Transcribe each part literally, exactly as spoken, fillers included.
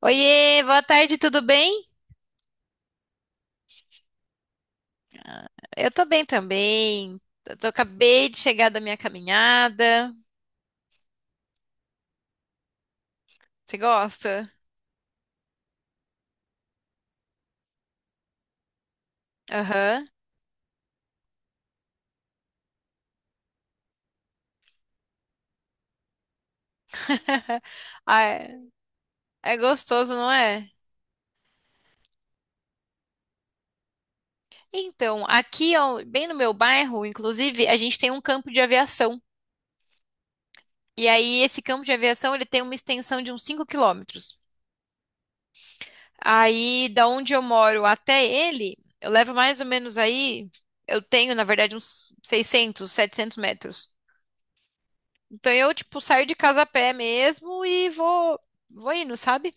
Oiê, boa tarde, tudo bem? Eu tô bem também. Eu tô- acabei de chegar da minha caminhada. Você gosta? Aham. Ah, é é gostoso, não é? Então, aqui, ó, bem no meu bairro, inclusive, a gente tem um campo de aviação. E aí, esse campo de aviação, ele tem uma extensão de uns cinco quilômetros. Aí, da onde eu moro até ele, eu levo mais ou menos aí, eu tenho, na verdade, uns seiscentos, setecentos metros. Então eu, tipo, saio de casa a pé mesmo e vou, vou indo, sabe?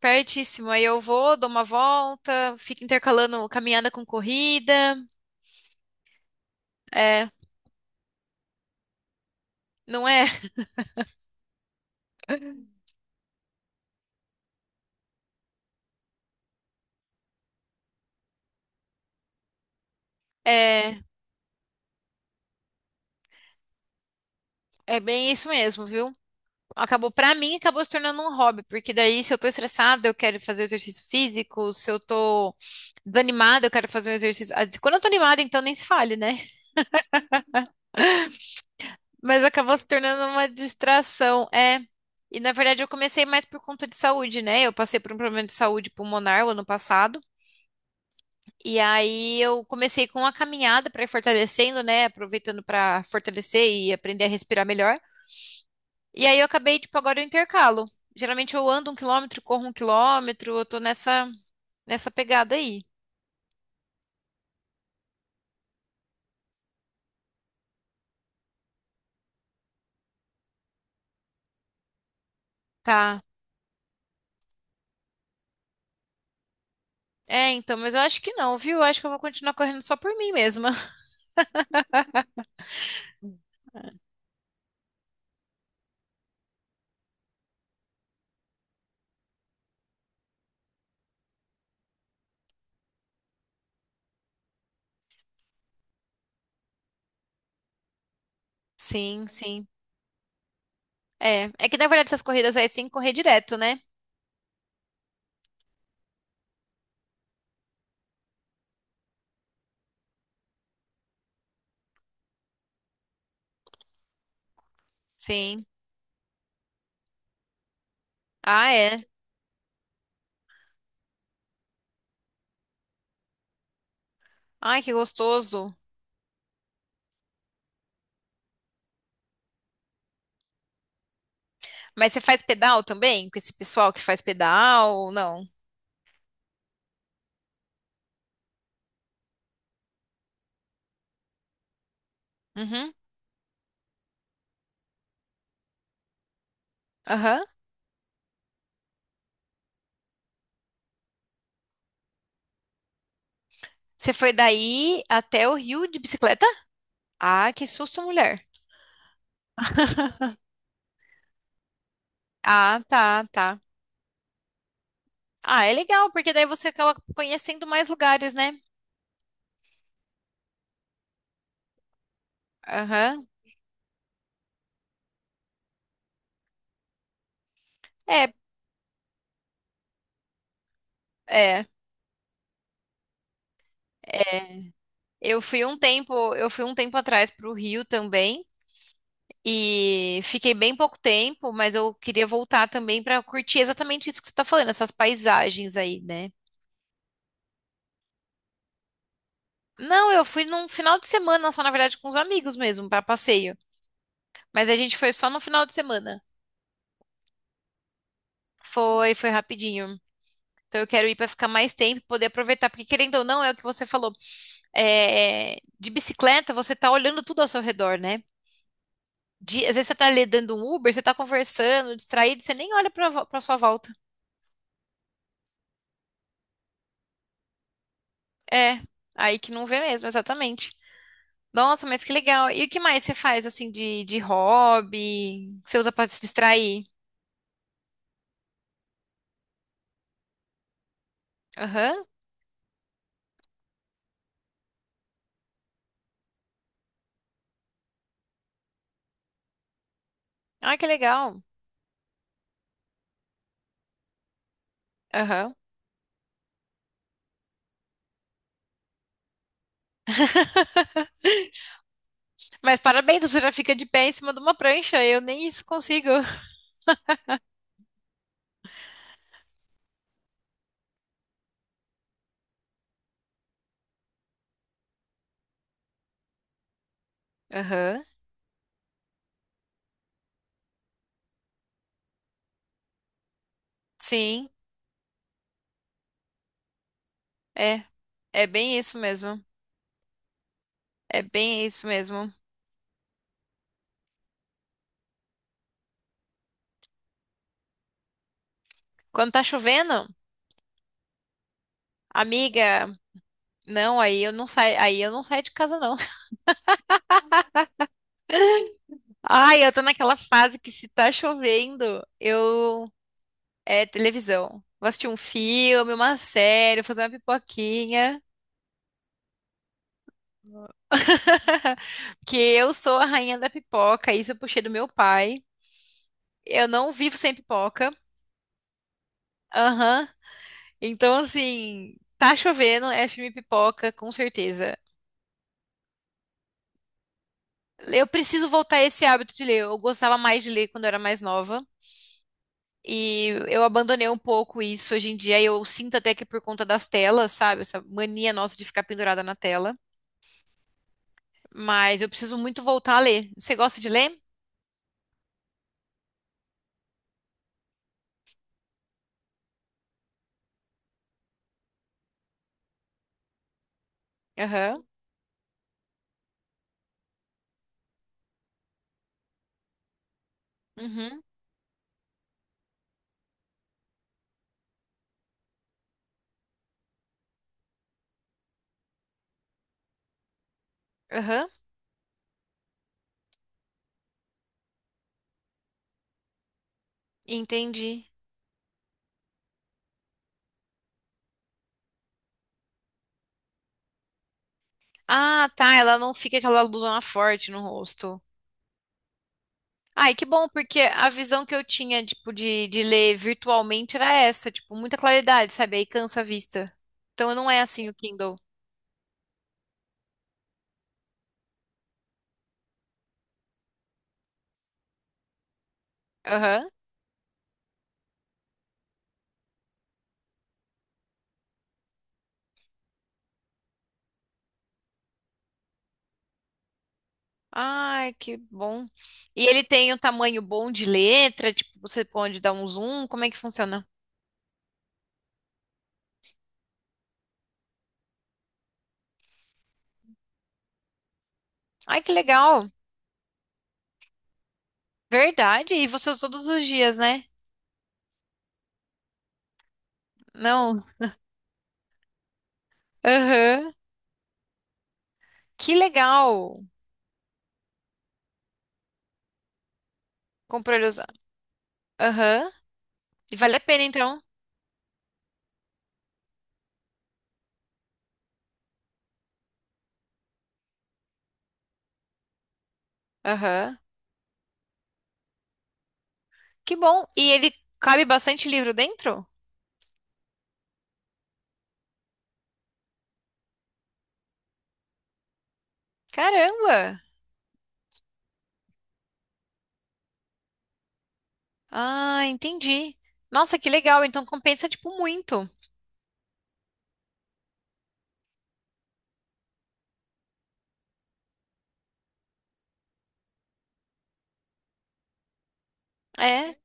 Pertíssimo. Aí eu vou, dou uma volta, fico intercalando caminhada com corrida. É, não é? É, é bem isso mesmo, viu? Acabou, pra mim, acabou se tornando um hobby, porque daí se eu tô estressada, eu quero fazer exercício físico, se eu tô desanimada, eu quero fazer um exercício. Ah, quando eu tô animada, então nem se fale, né? Mas acabou se tornando uma distração. É. E na verdade eu comecei mais por conta de saúde, né? Eu passei por um problema de saúde pulmonar o ano passado. E aí eu comecei com a caminhada para ir fortalecendo, né? Aproveitando para fortalecer e aprender a respirar melhor. E aí eu acabei, tipo, agora eu intercalo. Geralmente eu ando um quilômetro, corro um quilômetro, eu tô nessa, nessa pegada aí. Tá. É, então, mas eu acho que não, viu? Eu acho que eu vou continuar correndo só por mim mesma. Sim, sim. É, é que na verdade essas corridas aí é sem correr direto, né? Sim. Ah, é. Ai, que gostoso. Mas você faz pedal também? Com esse pessoal que faz pedal? Não. Uhum. Aham. Você foi daí até o Rio de bicicleta? Ah, que susto, mulher. Ah, tá, tá. Ah, é legal, porque daí você acaba conhecendo mais lugares, né? Aham. É, é. Eu fui um tempo, eu fui um tempo atrás pro Rio também. E fiquei bem pouco tempo, mas eu queria voltar também para curtir exatamente isso que você tá falando, essas paisagens aí, né? Não, eu fui num final de semana só, na verdade, com os amigos mesmo, para passeio. Mas a gente foi só no final de semana. Foi, foi rapidinho. Então eu quero ir para ficar mais tempo, poder aproveitar, porque querendo ou não, é o que você falou. É, de bicicleta, você tá olhando tudo ao seu redor, né? De- às vezes você tá ali dando um Uber, você tá conversando, distraído, você nem olha para para sua volta. É, aí que não vê mesmo, exatamente. Nossa, mas que legal. E o que mais você faz, assim, de, de hobby? Que você usa para se distrair? Aham. Ah, que legal. Aham. Mas parabéns, você já fica de pé em cima de uma prancha. Eu nem isso consigo. Aham. Sim, é. É bem isso mesmo. É bem isso mesmo. Quando tá chovendo, amiga, não, aí eu não saio, aí eu não saio de casa, não. Ai, eu tô naquela fase que se tá chovendo, eu é televisão. Vou assistir um filme, uma série, fazer uma pipoquinha. Porque eu sou a rainha da pipoca, isso eu puxei do meu pai. Eu não vivo sem pipoca. Aham. Então, assim, tá chovendo, é filme pipoca, com certeza. Eu preciso voltar a esse hábito de ler. Eu gostava mais de ler quando eu era mais nova. E eu abandonei um pouco isso hoje em dia. Eu sinto até que por conta das telas, sabe? Essa mania nossa de ficar pendurada na tela. Mas eu preciso muito voltar a ler. Você gosta de ler? Aham. Uhum. Aham. Entendi. Ah, tá. Ela não fica aquela luzona forte no rosto. Ai, que bom, porque a visão que eu tinha, tipo, de, de ler virtualmente era essa, tipo, muita claridade, sabe? Aí cansa a vista. Então não é assim o Kindle. Aham. Ai, que bom. E ele tem um tamanho bom de letra, tipo, você pode dar um zoom, como é que funciona? Ai, que legal. Verdade. E você usa todos os dias, né? Não. Aham. Que legal. Comprou ele usado. Aham. E vale a pena então. Aham. Que bom. E ele cabe bastante livro dentro? Caramba. Ah, entendi. Nossa, que legal. Então compensa tipo muito. É.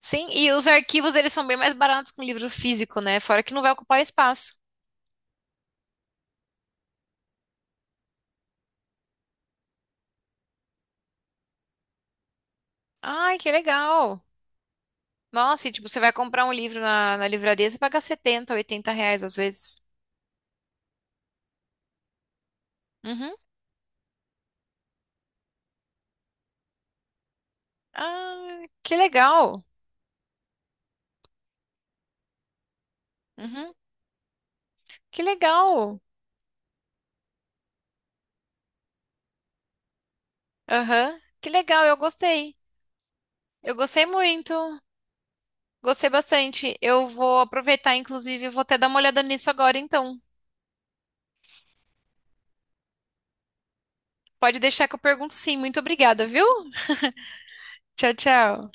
Sim, e os arquivos eles são bem mais baratos que um livro físico, né? Fora que não vai ocupar espaço. Ai, que legal. Nossa, e tipo, você vai comprar um livro na, na livraria, você paga setenta, oitenta reais às vezes. Uhum. Ah, que legal. Uhum. Que legal. Aham. Que legal, eu gostei. Eu gostei muito. Gostei bastante. Eu vou aproveitar, inclusive, eu vou até dar uma olhada nisso agora, então. Pode deixar que eu pergunto sim. Muito obrigada, viu? Tchau, tchau.